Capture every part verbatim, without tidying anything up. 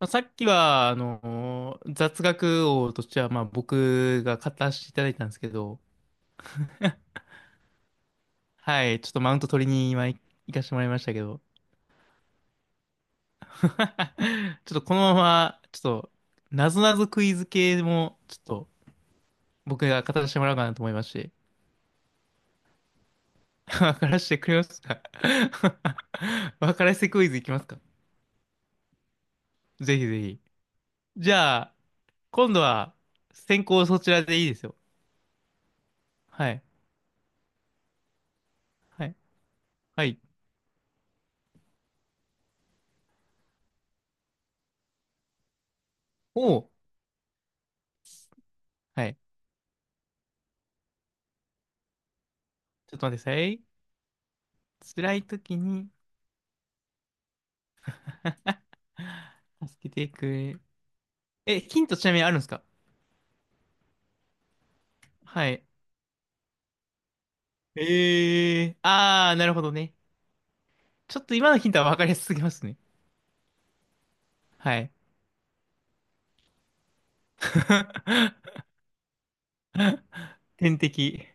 まあ、さっきは、あのー雑学王としては、まあ、僕が語らせていただいたんですけど、はい、ちょっとマウント取りに今い行かしてもらいましたけど、ちょっとこのまま、ちょっと、なぞなぞクイズ系も、ちょっと、僕が語らせてもらおうかなと思いまして、分からせてくれますか？ 分からせてクイズいきますか？ぜひぜひ。じゃあ、今度は、先行そちらでいいですよ。はい、はい、はい。おう、はい。ちょっと待ってください。辛い時に、助けてくれ。え、ヒントちなみにあるんですか？はい。ええー、あー、なるほどね。ちょっと今のヒントは分かりやすすぎますね。はい。天敵。い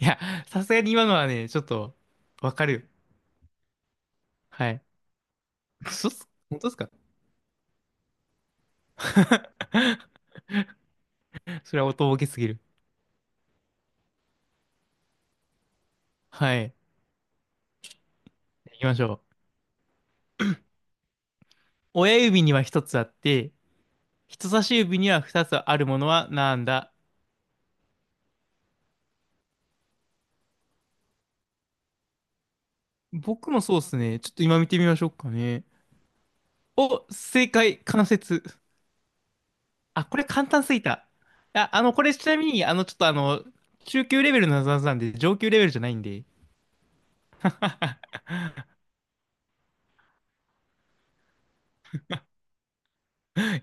や、さすがに今のはね、ちょっと分かる。はい。嘘っす、本当ですか？ それはおとぼけすぎる。はい。行きましょう。親指には一つあって、人差し指には二つあるものはなんだ？僕もそうっすね。ちょっと今見てみましょうかね。お、正解、関節。あ、これ簡単すぎた。あ、あの、これちなみに、あの、ちょっとあの、中級レベルのなぞなぞなんで、上級レベルじゃないんで、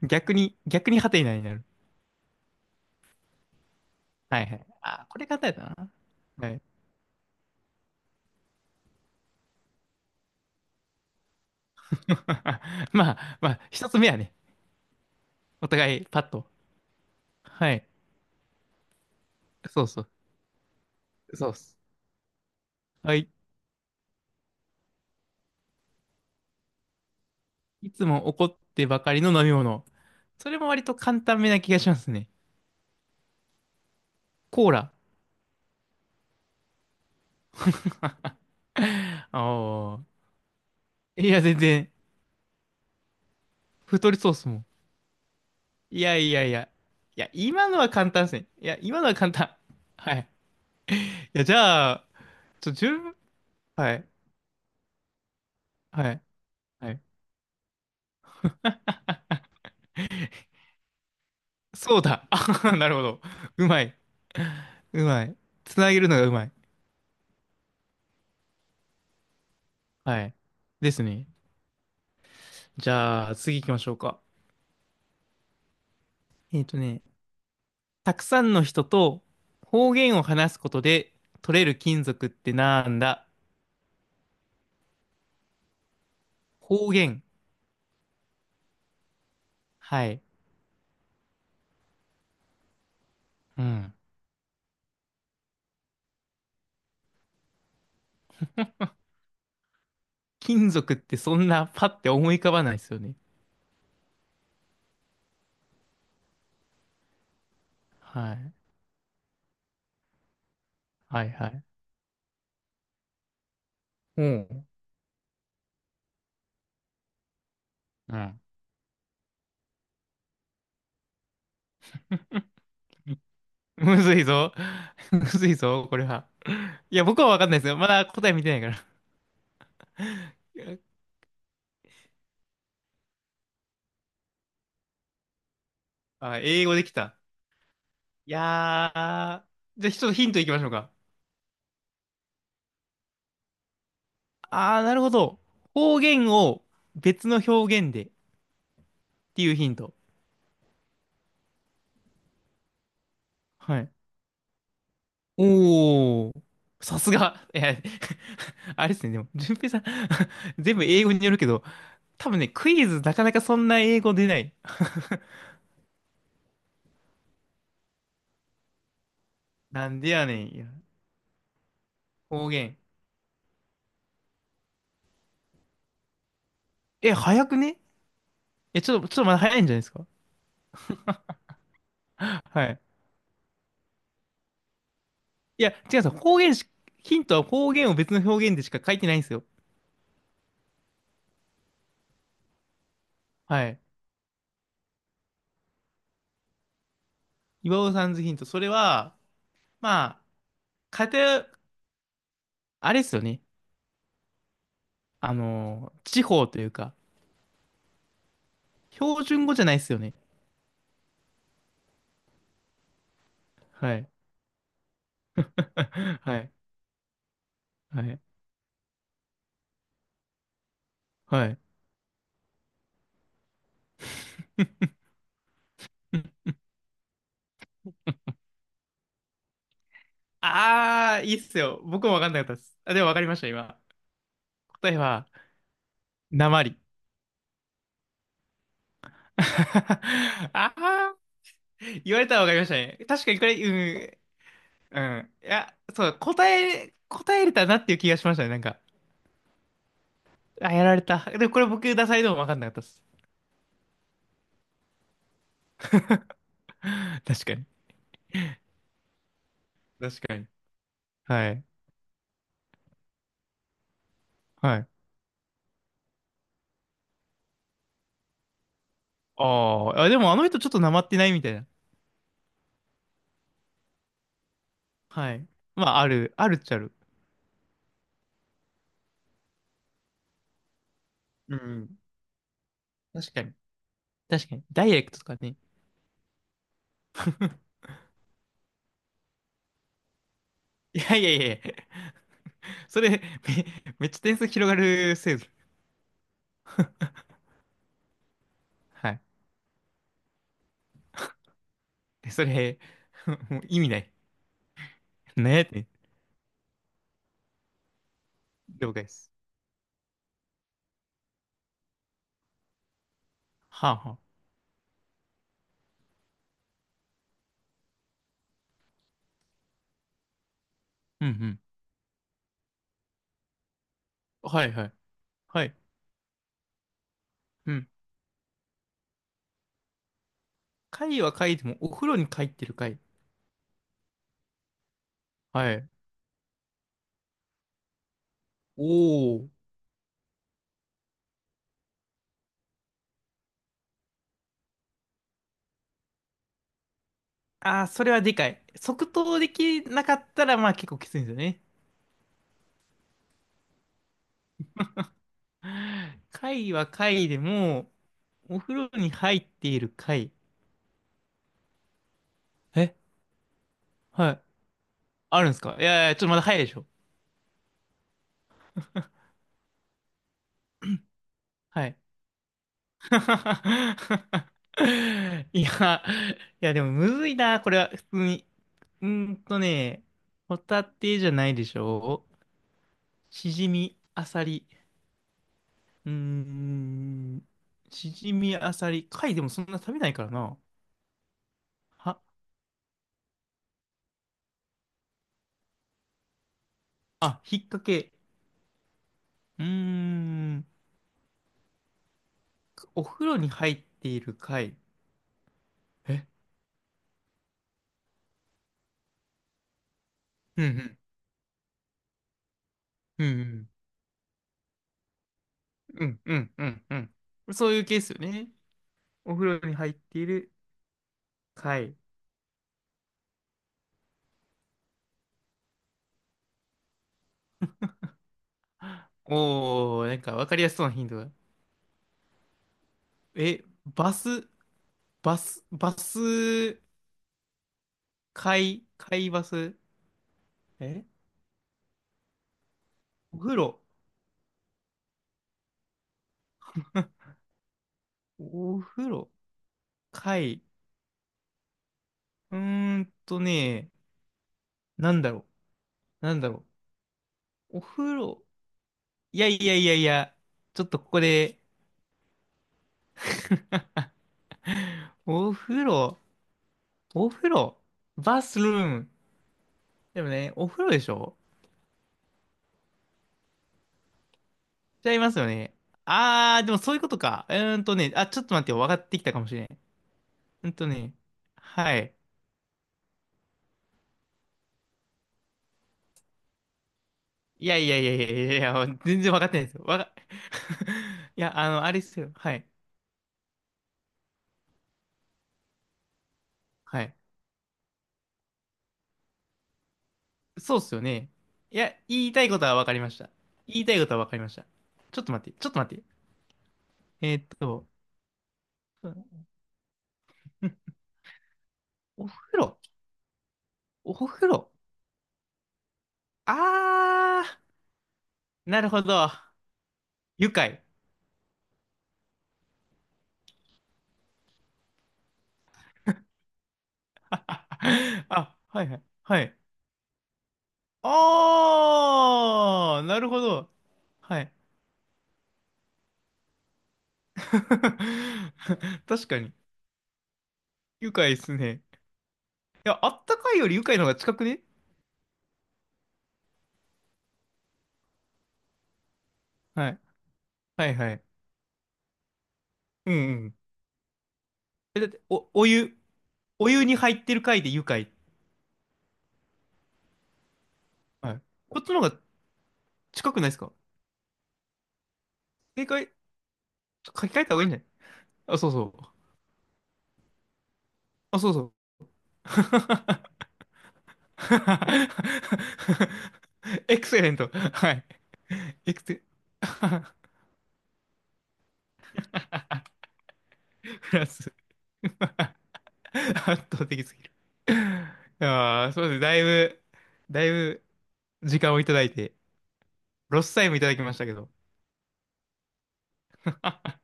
逆に、逆にハテナになる。はいはい。あ、これ簡単やったな。はい。まあ、まあ、一つ目はね、お互いパッと。はい。そうそう。そうっす。はい。いつも怒ってばかりの飲み物。それも割と簡単めな気がしますね。コーラ。ああ。いや、全然、太りそうっすもん。いやいやいや。いや、今のは簡単ですね。いや、今のは簡単。はい。いや、じゃあ、ちょ、十分。はい。はい。はい。そうだ。あはは、なるほど。うまい。うまい。つなげるのがうまい。はい。ですね。じゃあ、次行きましょうか。えっとね、たくさんの人と方言を話すことで取れる金属ってなんだ？方言。はい。うん。金属ってそんなパッて思い浮かばないですよね。はい。はいはい。うん。うん。むずいぞ。むずいぞ、これは。いや、僕はわかんないですよ。まだ答え見てないから。あ、英語できた。いやー。じゃあ、ちょっとヒントいきましょうか。あー、なるほど。方言を別の表現でっていうヒント。はい。おー。さすが。いや、あれですね。でも、順平さん。 全部英語によるけど、多分ね、クイズなかなかそんな英語出ない。なんでやねん。いや方言。え、早くね？え、ちょっと、ちょっとまだ早いんじゃないですか？ はい。いや、違うんですよ。方言し、ヒントは方言を別の表現でしか書いてないんですよ。はい。岩尾さんズヒント。それは、まあ、偏、あれですよね。あのー地方というか、標準語じゃないですよね。はい。はい。はい。はい。あー、いいっすよ。僕もわかんなかったです。あ、でもわかりました、今。答えは、なまり。ああ、言われたらわかりましたね。確かにこれ、うん、うん。いや、そう、答え、答えれたなっていう気がしましたね。なんか、あ、やられた。でもこれ僕、ダサいでも分かんなかったです。確かに。確かに。はい。はい。ああ、あでもあの人ちょっとなまってないみたいな。はい。まあ、ある、あるっちゃある。うん。確かに。確かに。ダイレクトとかね。いやいやいやいや、それ、め、めっちゃ点数広がるせいぞ。はい。でそれ、もう意味ない。ねえって、了解です。はあはあ。うんうん。はいはい。はい。うん。貝は貝でもお風呂に入ってる貝。はい。おお。ああ、それはでかい。即答できなかったら、まあ結構きついんですよね。貝は貝でも、お風呂に入っている貝。え、はい。あるんですか？いやいや、ちょっとまだ早いでしょ。はい。いや、いやでもむずいな、これは普通に。うーんとね、ホタテじゃないでしょ？シジミアサリ。うーん。しじみあさり。貝でもそんな食べないからな。は、あ、引っ掛け。うーん。お風呂に入っている貝。え、うんうん。うんうん。うんうんうん、うん。そういうケースよね。お風呂に入っている貝。おー、なんかわかりやすそうなヒントだ。え、バス、バス、バス、貝、貝バス。え、お風呂、お風呂、貝。うーんとね、なんだろう。なんだろう。お風呂。いやいやいやいや。ちょっとここで、お風呂、お風呂、バスルーム。でもね、お風呂でしょ？ちゃいますよね。あー、でもそういうことか。うーんとね、あ、ちょっと待ってよ。分かってきたかもしれん。うーんとね、はい。いやいやいやいやいやいや、全然分かってないですよ。わか、いや、あの、あれですよ。はい。はい。そうっすよね。いや、言いたいことは分かりました。言いたいことは分かりました。ちょっと待って、ちょっと待って。えーっと、ん、お風呂、お風呂。あー、なるほど。愉快。あ、はいはい。はい。あー、なるほど。はい。確かに。愉快ですね。いや、あったかいより愉快の方が近くね。はい。はいはい。うんうん。え、だって、お、お湯、お湯に入ってる回で愉快。はい。こっちの方が近くないですか？正解、書き換えた方がいいんじゃない？あ、そうそう。あ、そうそう。エクセレント。はい。エクセ、フランス。圧倒的すぎる。ああ、そうですね。だいぶ、だいぶ時間をいただいて、ロスタイムいただきましたけど。あ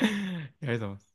りがとうございます。